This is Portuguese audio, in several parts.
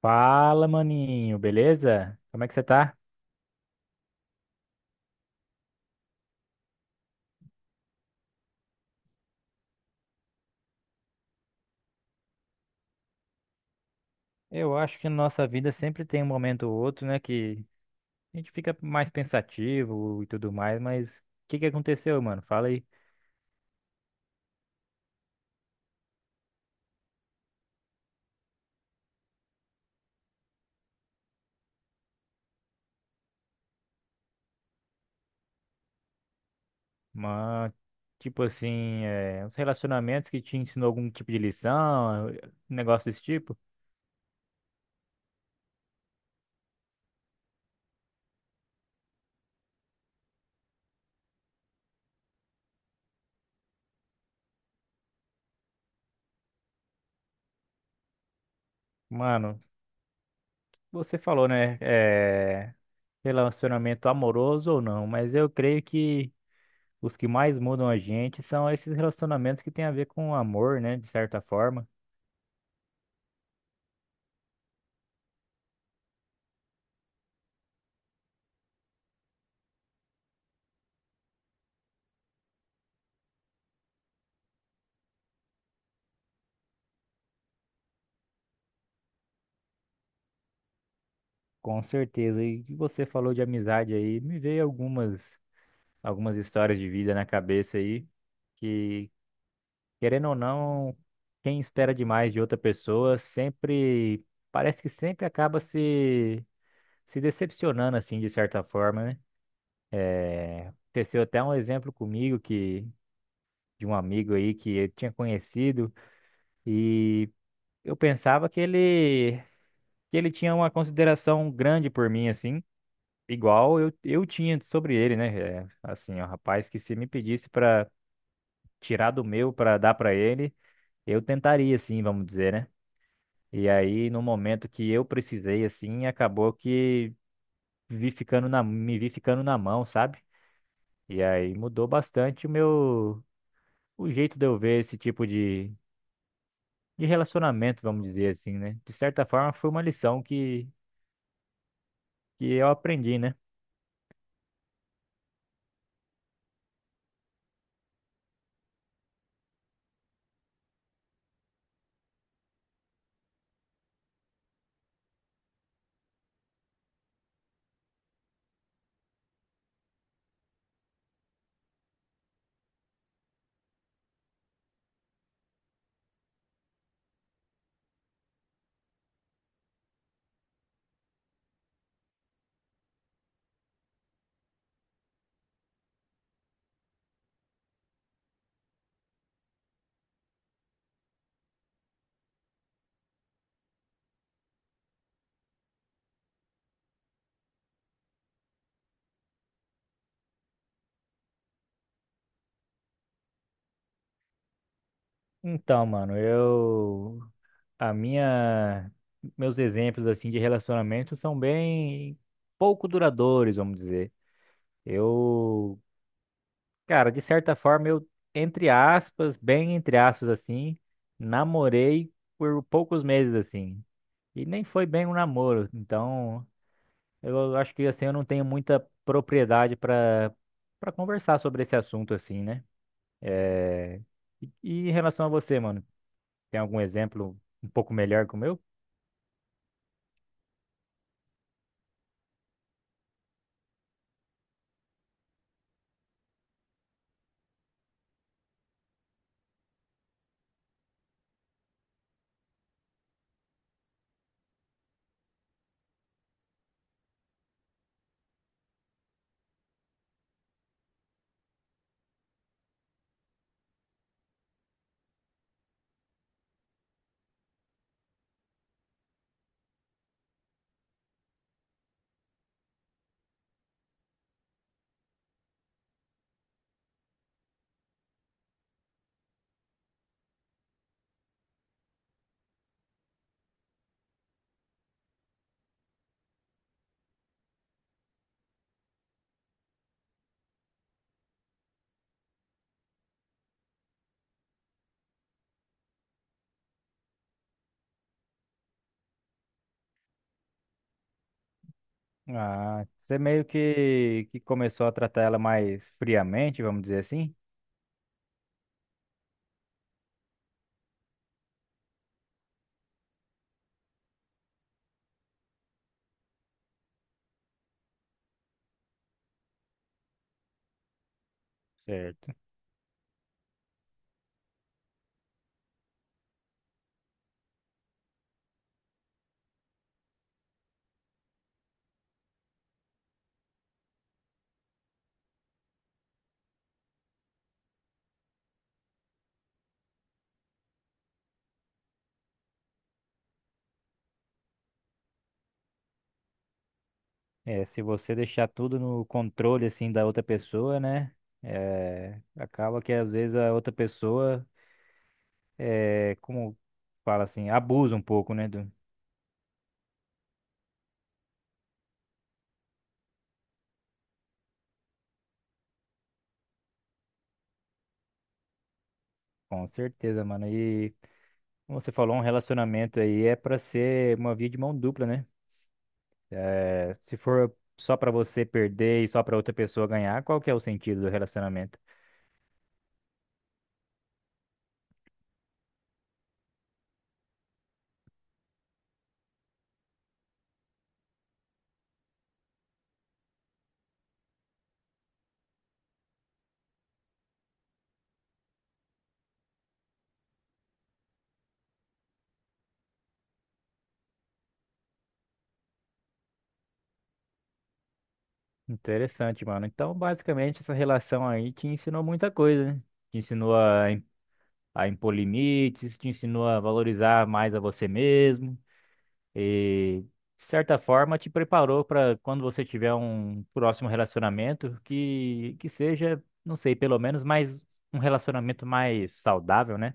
Fala, maninho, beleza? Como é que você tá? Eu acho que na nossa vida sempre tem um momento ou outro, né, que a gente fica mais pensativo e tudo mais, mas o que aconteceu, mano? Fala aí. Mano, tipo assim, uns relacionamentos que te ensinou algum tipo de lição, um negócio desse tipo? Mano, você falou, né, relacionamento amoroso ou não, mas eu creio que os que mais mudam a gente são esses relacionamentos que têm a ver com amor, né, de certa forma. Com certeza. E que você falou de amizade aí, me veio algumas histórias de vida na cabeça aí que, querendo ou não, quem espera demais de outra pessoa sempre parece que sempre acaba se decepcionando assim de certa forma, né? Aconteceu até um exemplo comigo que de um amigo aí que eu tinha conhecido e eu pensava que ele tinha uma consideração grande por mim assim. Igual eu tinha sobre ele, né? É, assim, ó, rapaz, que se me pedisse pra tirar do meu pra dar pra ele, eu tentaria, assim, vamos dizer, né? E aí, no momento que eu precisei, assim, acabou que me vi ficando na mão, sabe? E aí mudou bastante o meu, o jeito de eu ver esse tipo de relacionamento, vamos dizer assim, né? De certa forma, foi uma lição que eu aprendi, né? Então, mano, eu a minha meus exemplos assim de relacionamento são bem pouco duradouros, vamos dizer. Eu, cara, de certa forma eu entre aspas, bem entre aspas assim, namorei por poucos meses assim. E nem foi bem um namoro, então eu acho que assim eu não tenho muita propriedade para para conversar sobre esse assunto assim, né? E em relação a você, mano, tem algum exemplo um pouco melhor que o meu? Ah, você meio que começou a tratar ela mais friamente, vamos dizer assim? Certo. É, se você deixar tudo no controle, assim, da outra pessoa, né? É, acaba que às vezes a outra pessoa, é, como fala assim, abusa um pouco, né? Com certeza, mano. E como você falou, um relacionamento aí é pra ser uma via de mão dupla, né? É, se for só pra você perder e só pra outra pessoa ganhar, qual que é o sentido do relacionamento? Interessante, mano. Então, basicamente, essa relação aí te ensinou muita coisa, né? Te ensinou a, im- a impor limites, te ensinou a valorizar mais a você mesmo e, de certa forma, te preparou para quando você tiver um próximo relacionamento que seja, não sei, pelo menos mais um relacionamento mais saudável, né?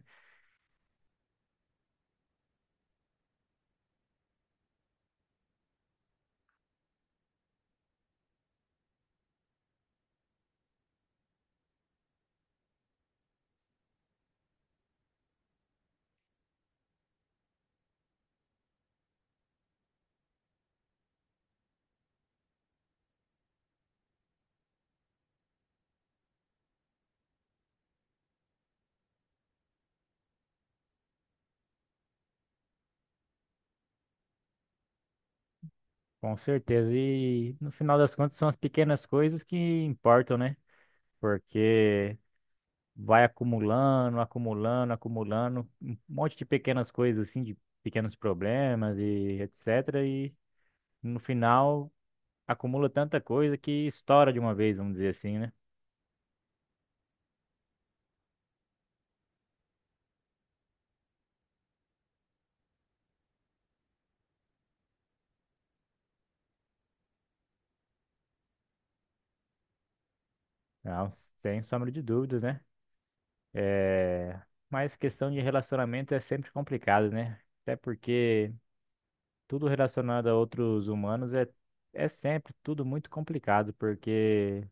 Com certeza. E no final das contas, são as pequenas coisas que importam, né? Porque. Vai acumulando, acumulando, acumulando, um monte de pequenas coisas assim, de pequenos problemas e etc. E no final acumula tanta coisa que estoura de uma vez, vamos dizer assim, né? Não, sem sombra de dúvidas, né? É... Mas questão de relacionamento é sempre complicado, né? Até porque tudo relacionado a outros humanos é sempre tudo muito complicado, porque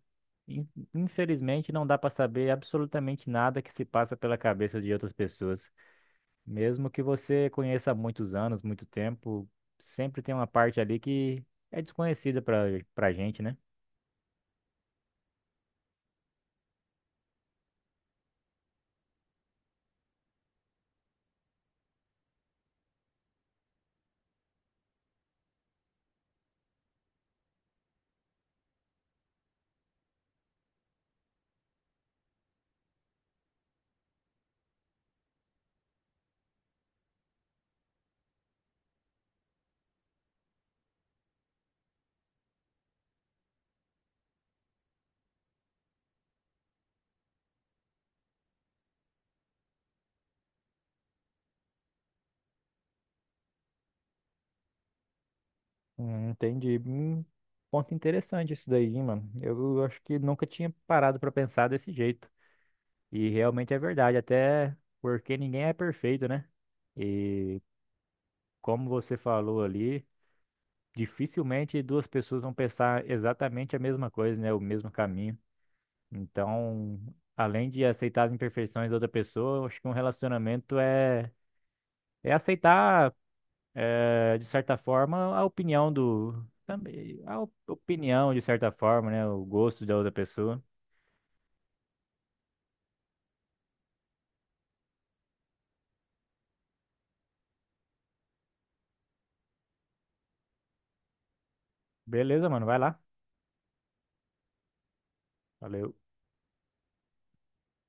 In- Infelizmente, não dá para saber absolutamente nada que se passa pela cabeça de outras pessoas. Mesmo que você conheça há muitos anos, muito tempo, sempre tem uma parte ali que é desconhecida para para gente, né? Entendi. Ponto interessante isso daí, hein, mano. Eu acho que nunca tinha parado pra pensar desse jeito. E realmente é verdade, até porque ninguém é perfeito, né? E como você falou ali. Dificilmente duas pessoas vão pensar exatamente a mesma coisa, né? O mesmo caminho. Então, além de aceitar as imperfeições da outra pessoa, eu acho que um relacionamento é aceitar, de certa forma, a opinião do. Também, a opinião, de certa forma, né? O gosto da outra pessoa. Beleza, mano, vai lá. Valeu.